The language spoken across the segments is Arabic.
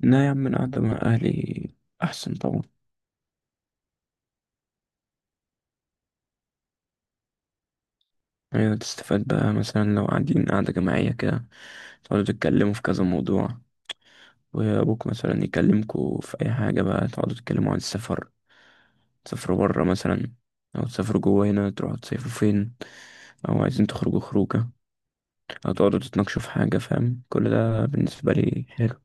لا يا عم، القعدة مع أهلي أحسن طبعا. يعني تستفاد بقى مثلا لو قاعدين قعدة جماعية كده، تقعدوا تتكلموا في كذا موضوع، وأبوك مثلا يكلمكوا في أي حاجة بقى، تقعدوا تتكلموا عن السفر، تسافروا برا مثلا، أو تسافروا جوا هنا، تروحوا تصيفوا فين، أو عايزين تخرجوا خروجة، أو تقعدوا تتناقشوا في حاجة. فاهم؟ كل ده بالنسبة لي حلو.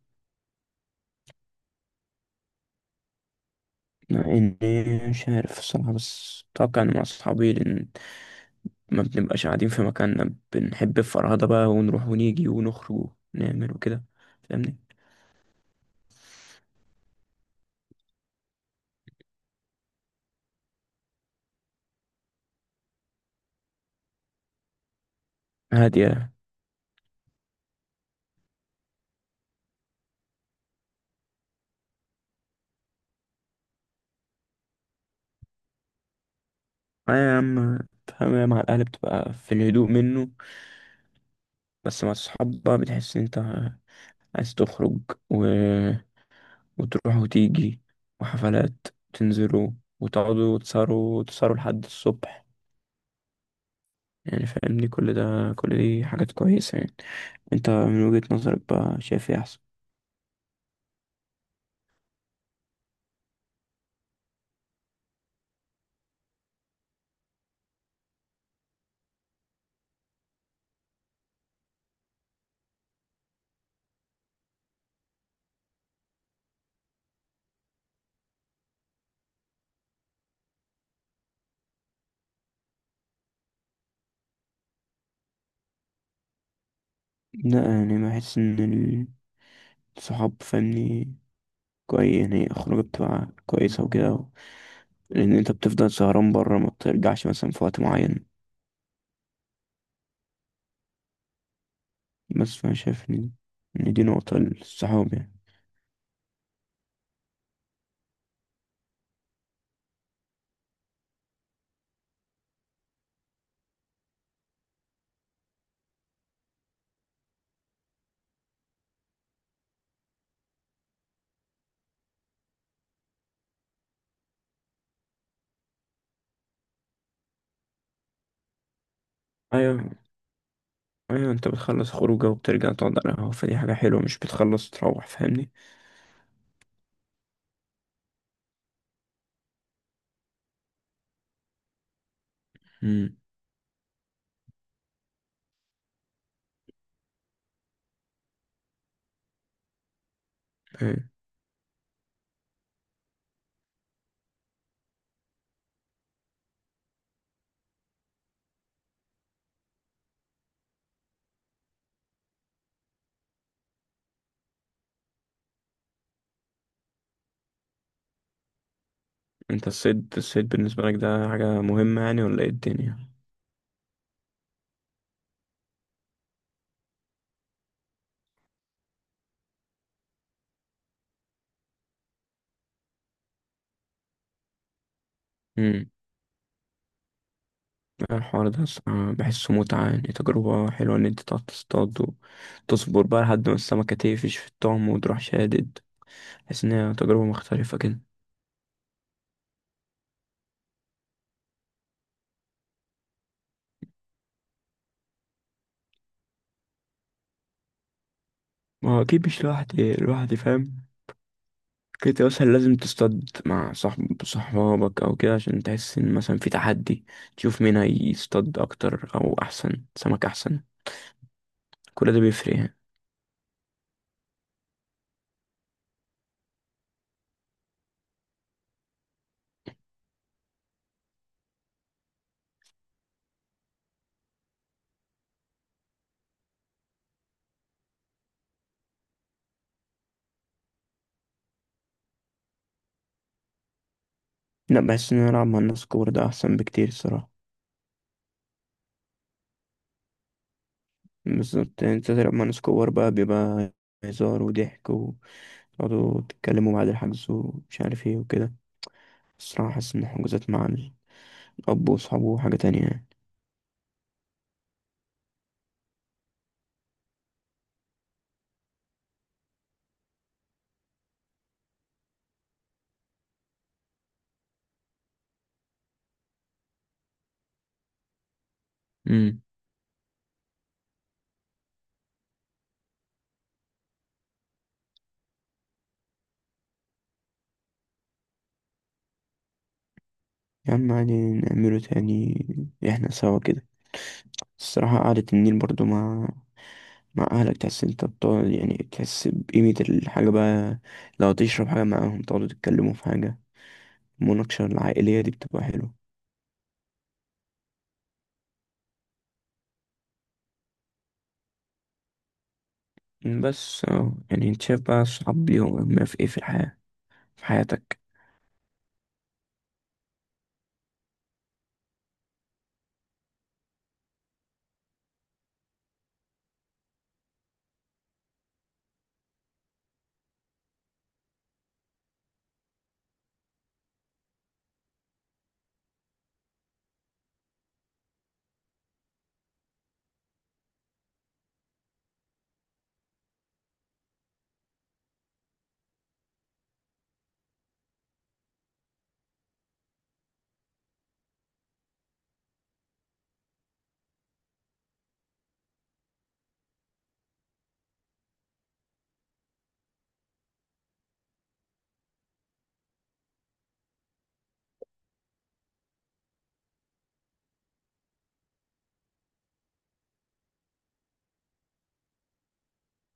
مع اني مش عارف الصراحة، بس اتوقع ان مع اصحابي، لان ما بنبقاش قاعدين في مكاننا، بنحب الفرهدة بقى، ونروح ونيجي ونخرج ونعمل وكده. فاهمني؟ هادية. اه يا عم، فاهم، مع الاهل بتبقى في الهدوء منه، بس مع الصحاب بقى بتحس ان انت عايز تخرج و... وتروح وتيجي وحفلات، تنزلوا وتقعدوا وتسهروا وتسهروا لحد الصبح. يعني فاهمني؟ كل ده، كل دي حاجات كويسة يعني. انت من وجهة نظرك بقى شايف ايه احسن؟ لا، يعني بحس ان الصحاب، فاهمني، كويس يعني، خروجة بتبقى كويسة وكده لأن أنت بتفضل سهران برا، ما بترجعش مثلا في وقت معين، بس فأنا شايف إن إن دي نقطة للصحاب يعني. أيوة، أيوة، أنت بتخلص خروجة وبترجع تقعد على القهوة، فدي حاجة حلوة، مش بتخلص تروح. فاهمني؟ امم. أيوة. أنت الصيد بالنسبة لك ده حاجة مهمة يعني ولا إيه الدنيا؟ الحوار ده الصراحة بحسه متعة، يعني تجربة حلوة إن أنت تقعد تصطاد، وتصبر بقى لحد ما السمكة تقفش في الطعم وتروح شادد. بحس إنها تجربة مختلفة كده. ما هو أكيد مش لوحدي، لوحدي فاهم، كنت مثلا لازم تصطاد مع صاحب، صحابك أو كده، عشان تحس إن مثلا في تحدي، تشوف مين هيصطاد أكتر أو أحسن سمك أحسن. كل ده بيفرق يعني. لأ، بحس إن أنا ألعب مع الناس كور ده أحسن بكتير الصراحة. بالظبط، يعني أنت تلعب مع ناس كور بقى، بيبقى هزار وضحك، تقعدوا تتكلموا بعد الحجز ومش عارف ايه وكده. الصراحة حاسس إن الحجوزات مع الأب وأصحابه حاجة تانية يعني. امم. يا عم عادي نعمله تاني، احنا سوا كده. الصراحة قعدة النيل برضو مع، مع أهلك، تحس انت بتقعد، يعني تحس بقيمة الحاجة بقى، لو تشرب حاجة معاهم، تقعدوا تتكلموا في حاجة. المناقشة العائلية دي بتبقى حلوة. بس اه، يعني انت شايف بقى الصحاب ليهم أهمية في ايه في الحياة، في حياتك؟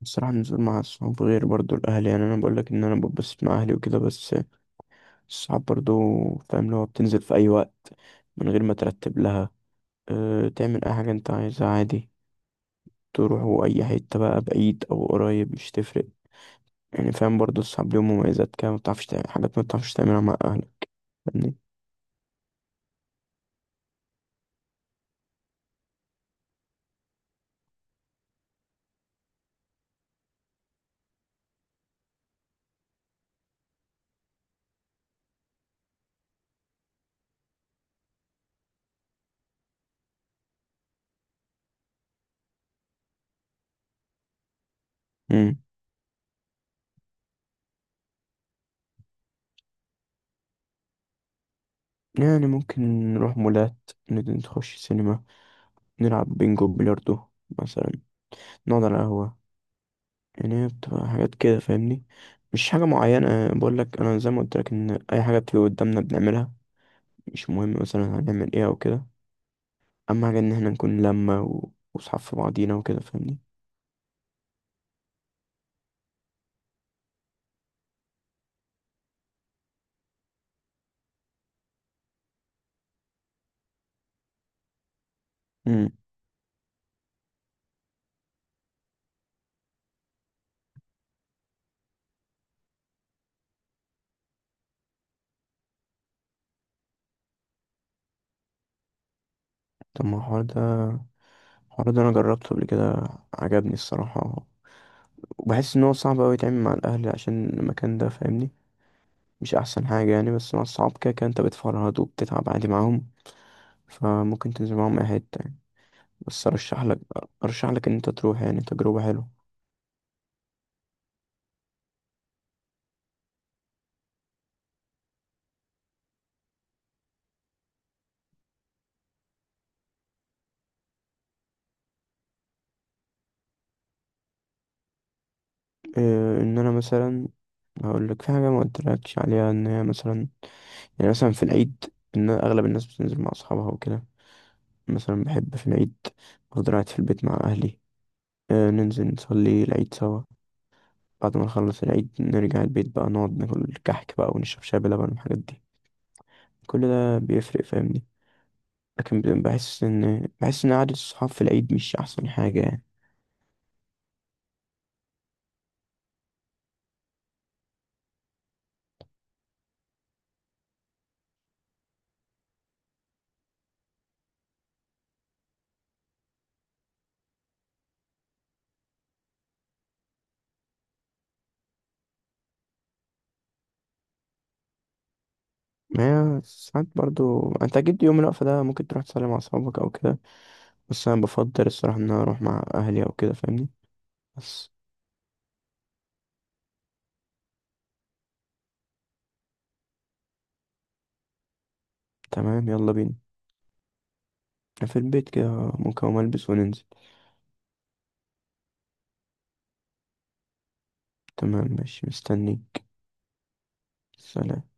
الصراحة النزول مع الصحاب غير برضو الأهل، يعني أنا بقولك إن أنا ببسط مع أهلي وكده، بس الصعب برضو، فاهم، اللي هو بتنزل في أي وقت من غير ما ترتب لها، أه، تعمل أي حاجة أنت عايزها عادي، تروحوا أي حتة بقى، بعيد أو قريب مش تفرق يعني. فاهم؟ برضو الصعب ليهم مميزات كده، مبتعرفش تعمل حاجات مبتعرفش تعملها مع أهلك. فاهمني؟ مم. يعني ممكن نروح مولات، نخش سينما، نلعب بينجو، بلياردو مثلا، نقعد على قهوة. يعني هي بتبقى حاجات كده، فاهمني؟ مش حاجة معينة بقول لك، أنا زي ما قلت لك إن أي حاجة بتيجي قدامنا بنعملها، مش مهم مثلا هنعمل ايه او كده. اهم حاجه ان احنا نكون لمه واصحاب في بعضينا وكده. فاهمني؟ امم. طب ما الحوار ده، الحوار ده انا جربته قبل كده، عجبني الصراحه، وبحس ان هو صعب اوي يتعمل مع الاهل عشان المكان ده. فاهمني؟ مش احسن حاجه يعني، بس مع الصحاب كده كده انت بتفرهد وبتتعب عادي معاهم، فممكن تنزل معاهم اي حته يعني. بس ارشح لك، ارشح لك ان انت تروح، يعني تجربه حلوه. إيه ان انا مثلا، هقول لك في حاجه ما قلتلكش عليها، ان هي مثلا، يعني مثلا في العيد، إن أغلب الناس بتنزل مع أصحابها وكده، مثلا بحب في العيد أفضل قاعد في البيت مع أهلي، آه ننزل نصلي العيد سوا، بعد ما نخلص العيد نرجع البيت بقى، نقعد ناكل كحك بقى ونشرب شاي بلبن والحاجات دي. كل ده بيفرق، فاهمني؟ لكن بحس إن، بحس إن قعدة الصحاب في العيد مش أحسن حاجة يعني. ما هي ساعات برضو، انت اكيد يوم الوقفة ده ممكن تروح تصلي مع اصحابك او كده، بس انا بفضل الصراحة ان انا اروح مع اهلي او كده. فاهمني؟ بس. تمام، يلا بينا. في البيت كده، ممكن أقوم ألبس وننزل. تمام ماشي، مستنيك. سلام.